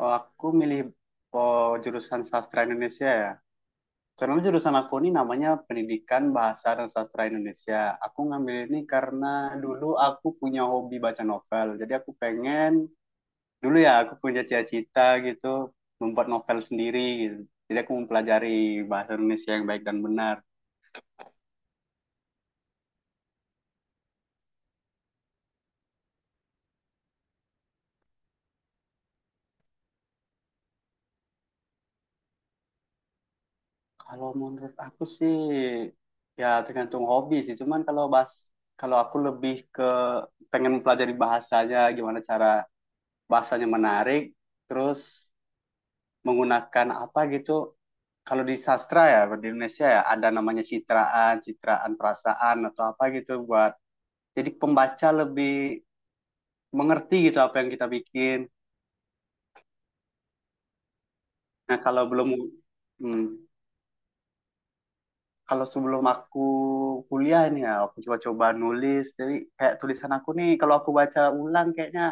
Oh, aku milih oh, jurusan sastra Indonesia ya. Karena jurusan aku ini namanya Pendidikan Bahasa dan Sastra Indonesia. Aku ngambil ini karena dulu aku punya hobi baca novel. Jadi aku pengen dulu ya aku punya cita-cita gitu membuat novel sendiri gitu. Jadi aku mempelajari bahasa Indonesia yang baik dan benar. Kalau menurut aku sih, ya tergantung hobi sih. Cuman kalau kalau aku lebih ke pengen mempelajari bahasanya, gimana cara bahasanya menarik, terus menggunakan apa gitu. Kalau di sastra ya, di Indonesia ya, ada namanya citraan, citraan perasaan atau apa gitu, buat jadi pembaca lebih mengerti gitu apa yang kita bikin. Nah, kalau belum hmm, kalau sebelum aku kuliah ini ya, aku coba-coba nulis. Jadi kayak tulisan aku nih kalau aku baca ulang kayaknya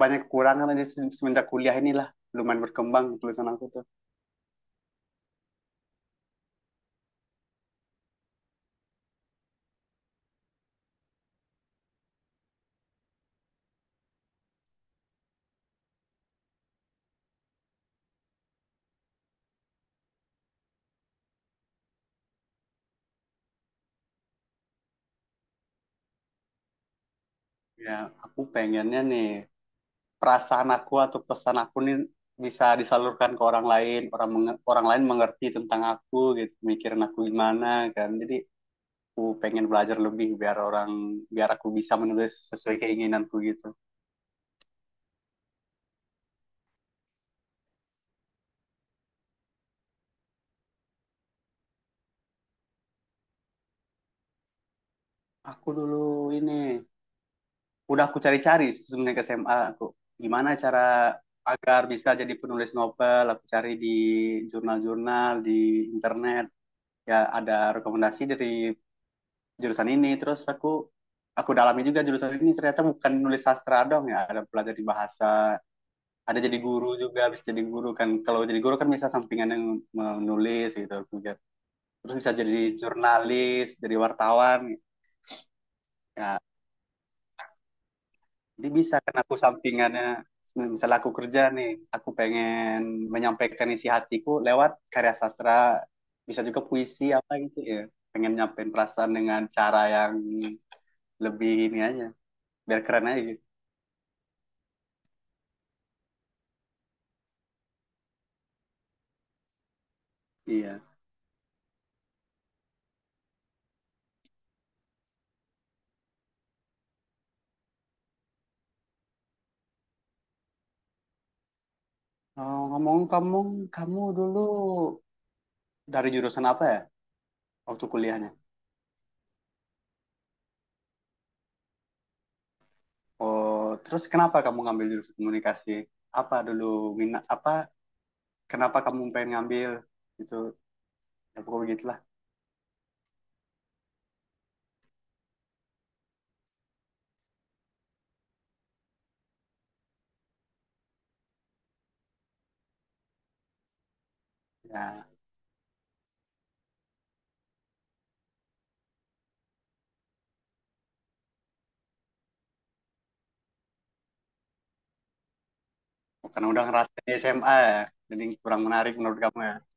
banyak kekurangan aja, semenjak kuliah inilah lumayan berkembang tulisan aku tuh. Ya, aku pengennya nih perasaan aku atau pesan aku nih bisa disalurkan ke orang lain, orang lain mengerti tentang aku gitu, mikirin aku gimana kan, jadi aku pengen belajar lebih biar aku bisa menulis sesuai keinginanku gitu. Aku dulu ini udah aku cari-cari sebenarnya ke SMA aku, gimana cara agar bisa jadi penulis novel. Aku cari di jurnal-jurnal di internet, ya ada rekomendasi dari jurusan ini, terus aku dalami juga jurusan ini, ternyata bukan nulis sastra dong ya, ada belajar di bahasa, ada jadi guru juga, bisa jadi guru kan. Kalau jadi guru kan bisa sampingan yang menulis gitu, kemudian terus bisa jadi jurnalis, jadi wartawan ya. Jadi bisa kan, aku sampingannya misalnya aku kerja nih, aku pengen menyampaikan isi hatiku lewat karya sastra, bisa juga puisi apa gitu ya, pengen nyampein perasaan dengan cara yang lebih ini aja, biar keren aja gitu. Iya. Oh, ngomong kamu, kamu dulu dari jurusan apa ya waktu kuliahnya? Oh, terus kenapa kamu ngambil jurusan komunikasi? Apa dulu minat apa? Kenapa kamu pengen ngambil itu? Ya pokoknya begitulah. Ya, karena udah ngerasain di SMA ya, jadi kurang menarik menurut kamu ya.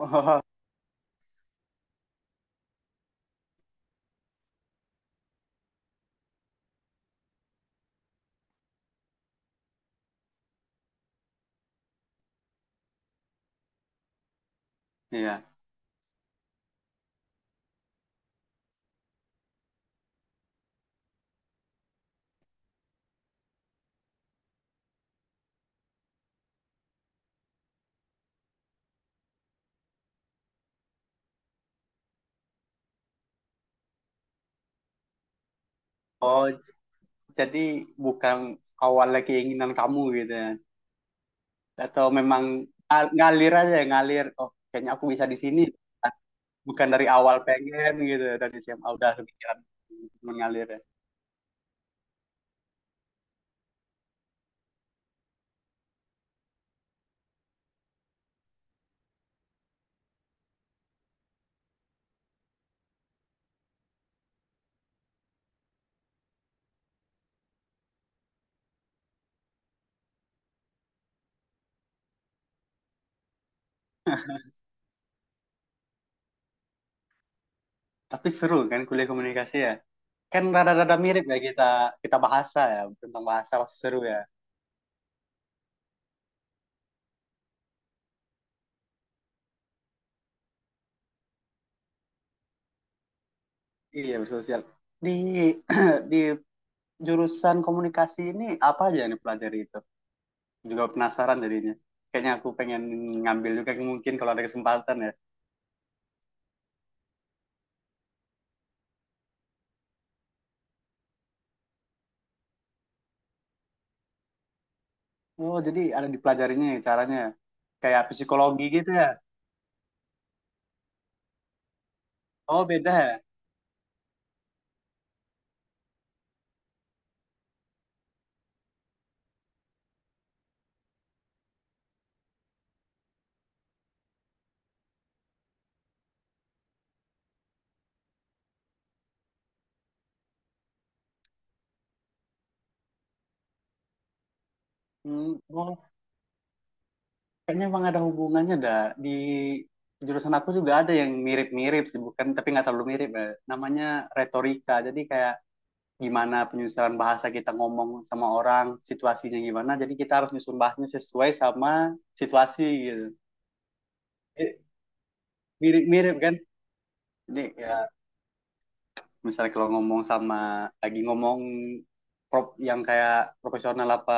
Oh, iya. Oh, jadi bukan awalnya keinginan kamu gitu ya? Atau memang ngalir aja, ngalir. Oh, kayaknya aku bisa di sini. Bukan dari awal pengen gitu ya, tadi SMA udah kepikiran, mengalir ya. Tapi seru kan kuliah komunikasi ya. Kan rada-rada mirip ya, kita kita bahasa ya, tentang bahasa pasti seru ya. Iya bersosial. Di di jurusan komunikasi ini apa aja yang dipelajari itu? Juga penasaran jadinya. Kayaknya aku pengen ngambil juga, mungkin kalau ada kesempatan ya. Oh jadi ada dipelajarinya ya caranya, ya. Kayak psikologi gitu ya. Oh beda ya. Hmm, oh, kayaknya emang ada hubungannya dah. Di jurusan aku juga ada yang mirip-mirip sih, bukan, tapi nggak terlalu mirip ya. Namanya retorika. Jadi kayak gimana penyusunan bahasa kita ngomong sama orang, situasinya gimana. Jadi kita harus nyusun bahasanya sesuai sama situasi gitu. Eh, Mirip-mirip kan? Jadi ya misalnya kalau ngomong sama, lagi ngomong yang kayak profesional, apa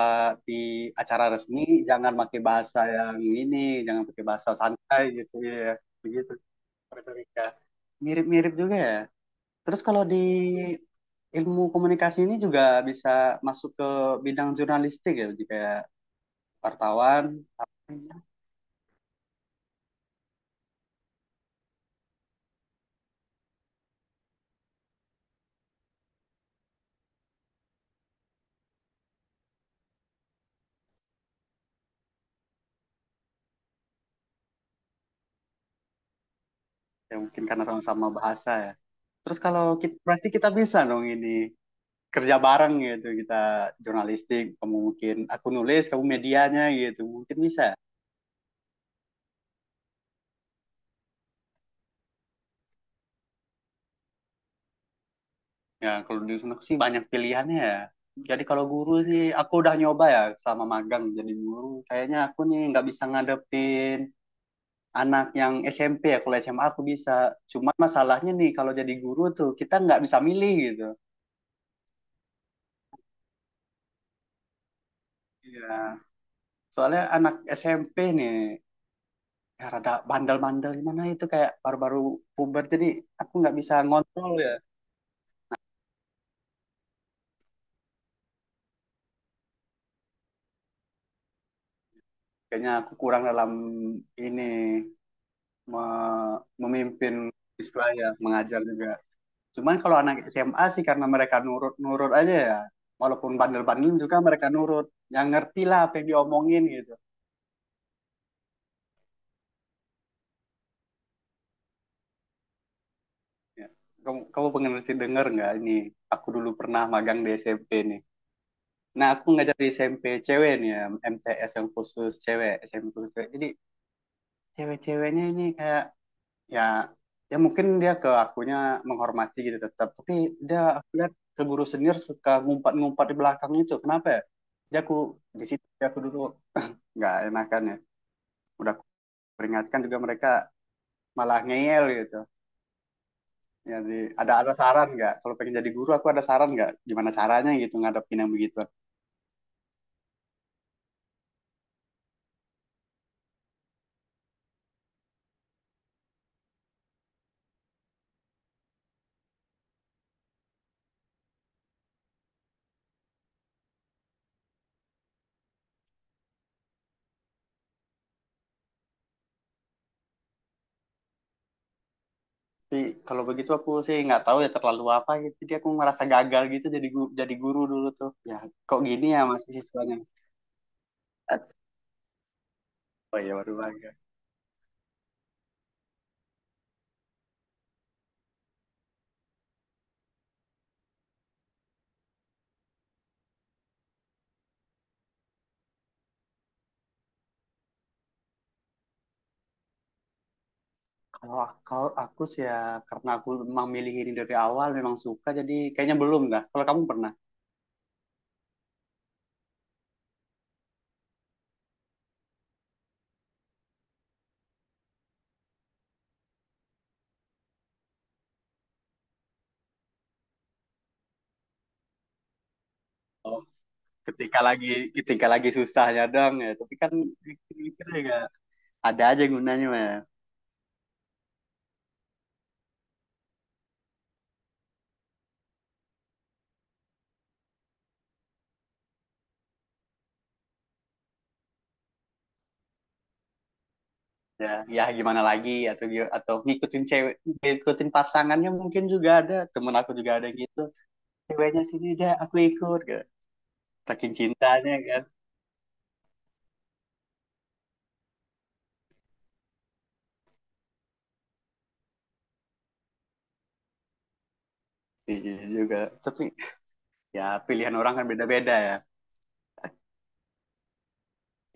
di acara resmi, jangan pakai bahasa yang ini, jangan pakai bahasa santai gitu ya. Begitu. Puerto Rica. Mirip-mirip juga ya. Terus kalau di ilmu komunikasi ini juga bisa masuk ke bidang jurnalistik ya, jadi kayak wartawan, apa ya. Ya, mungkin karena sama-sama bahasa ya. Terus kalau kita, berarti kita bisa dong ini kerja bareng gitu, kita jurnalistik, kamu mungkin, aku nulis, kamu medianya gitu, mungkin bisa. Ya kalau di sana sih banyak pilihannya ya. Jadi kalau guru sih, aku udah nyoba ya selama magang jadi guru. Kayaknya aku nih nggak bisa ngadepin anak yang SMP ya, kalau SMA aku bisa, cuma masalahnya nih kalau jadi guru tuh kita nggak bisa milih gitu. Iya. Soalnya anak SMP nih ya rada bandel-bandel, gimana itu, kayak baru-baru puber, jadi aku nggak bisa ngontrol ya. Kayaknya aku kurang dalam ini, memimpin siswa ya, mengajar juga. Cuman kalau anak SMA sih, karena mereka nurut-nurut aja ya, walaupun bandel-bandel juga mereka nurut, yang ngerti lah apa yang diomongin gitu. Ya, kamu kamu pengen mesti denger nggak, ini aku dulu pernah magang di SMP nih. Nah aku ngajar di SMP cewek nih ya, MTS yang khusus cewek, SMP khusus cewek, jadi cewek-ceweknya ini kayak ya ya mungkin dia ke akunya menghormati gitu tetap, tapi dia, aku lihat ke guru senior suka ngumpat-ngumpat di belakang. Itu kenapa ya, dia aku di situ, dia aku dulu nggak enakan ya, udah aku peringatkan juga mereka malah ngeyel gitu. Ya, ada saran nggak? Kalau pengen jadi guru, aku ada saran nggak? Gimana caranya gitu ngadepin yang begitu? Tapi kalau begitu aku sih nggak tahu ya terlalu apa gitu. Jadi aku merasa gagal gitu jadi guru dulu tuh. Ya, kok gini ya masih siswanya? Oh ya baru bangga. Kalau kalau aku sih ya, karena aku memang milih ini dari awal memang suka, jadi kayaknya belum dah. Kalau kamu pernah? Oh, ketika lagi ketika lagi susahnya dong ya. Tapi kan mikir-mikir ya, ada aja gunanya ya. Ya, ya gimana lagi, atau atau ngikutin cewek, ngikutin pasangannya, mungkin juga ada, temen aku juga ada gitu. Ceweknya sini, udah aku ikut gitu. Saking cintanya kan. Iya juga. Tapi ya pilihan orang kan beda-beda ya.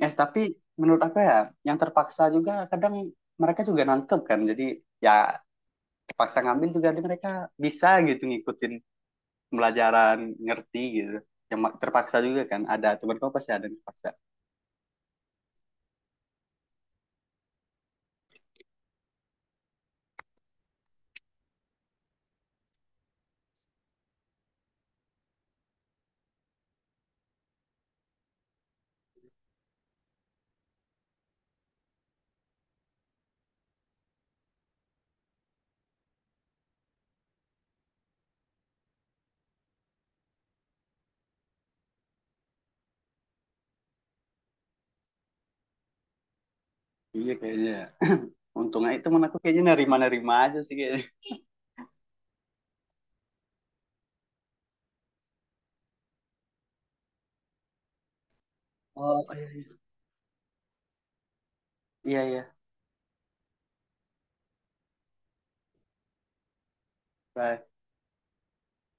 Tapi menurut aku ya, yang terpaksa juga kadang mereka juga nangkep kan, jadi ya terpaksa ngambil juga, jadi mereka bisa gitu ngikutin pelajaran, ngerti gitu, yang terpaksa juga kan, ada temen kau pasti ada yang terpaksa. Iya kayaknya. Untungnya itu teman aku kayaknya nerima-nerima aja sih kayaknya. Oh iya iya. Iya iya. Bye.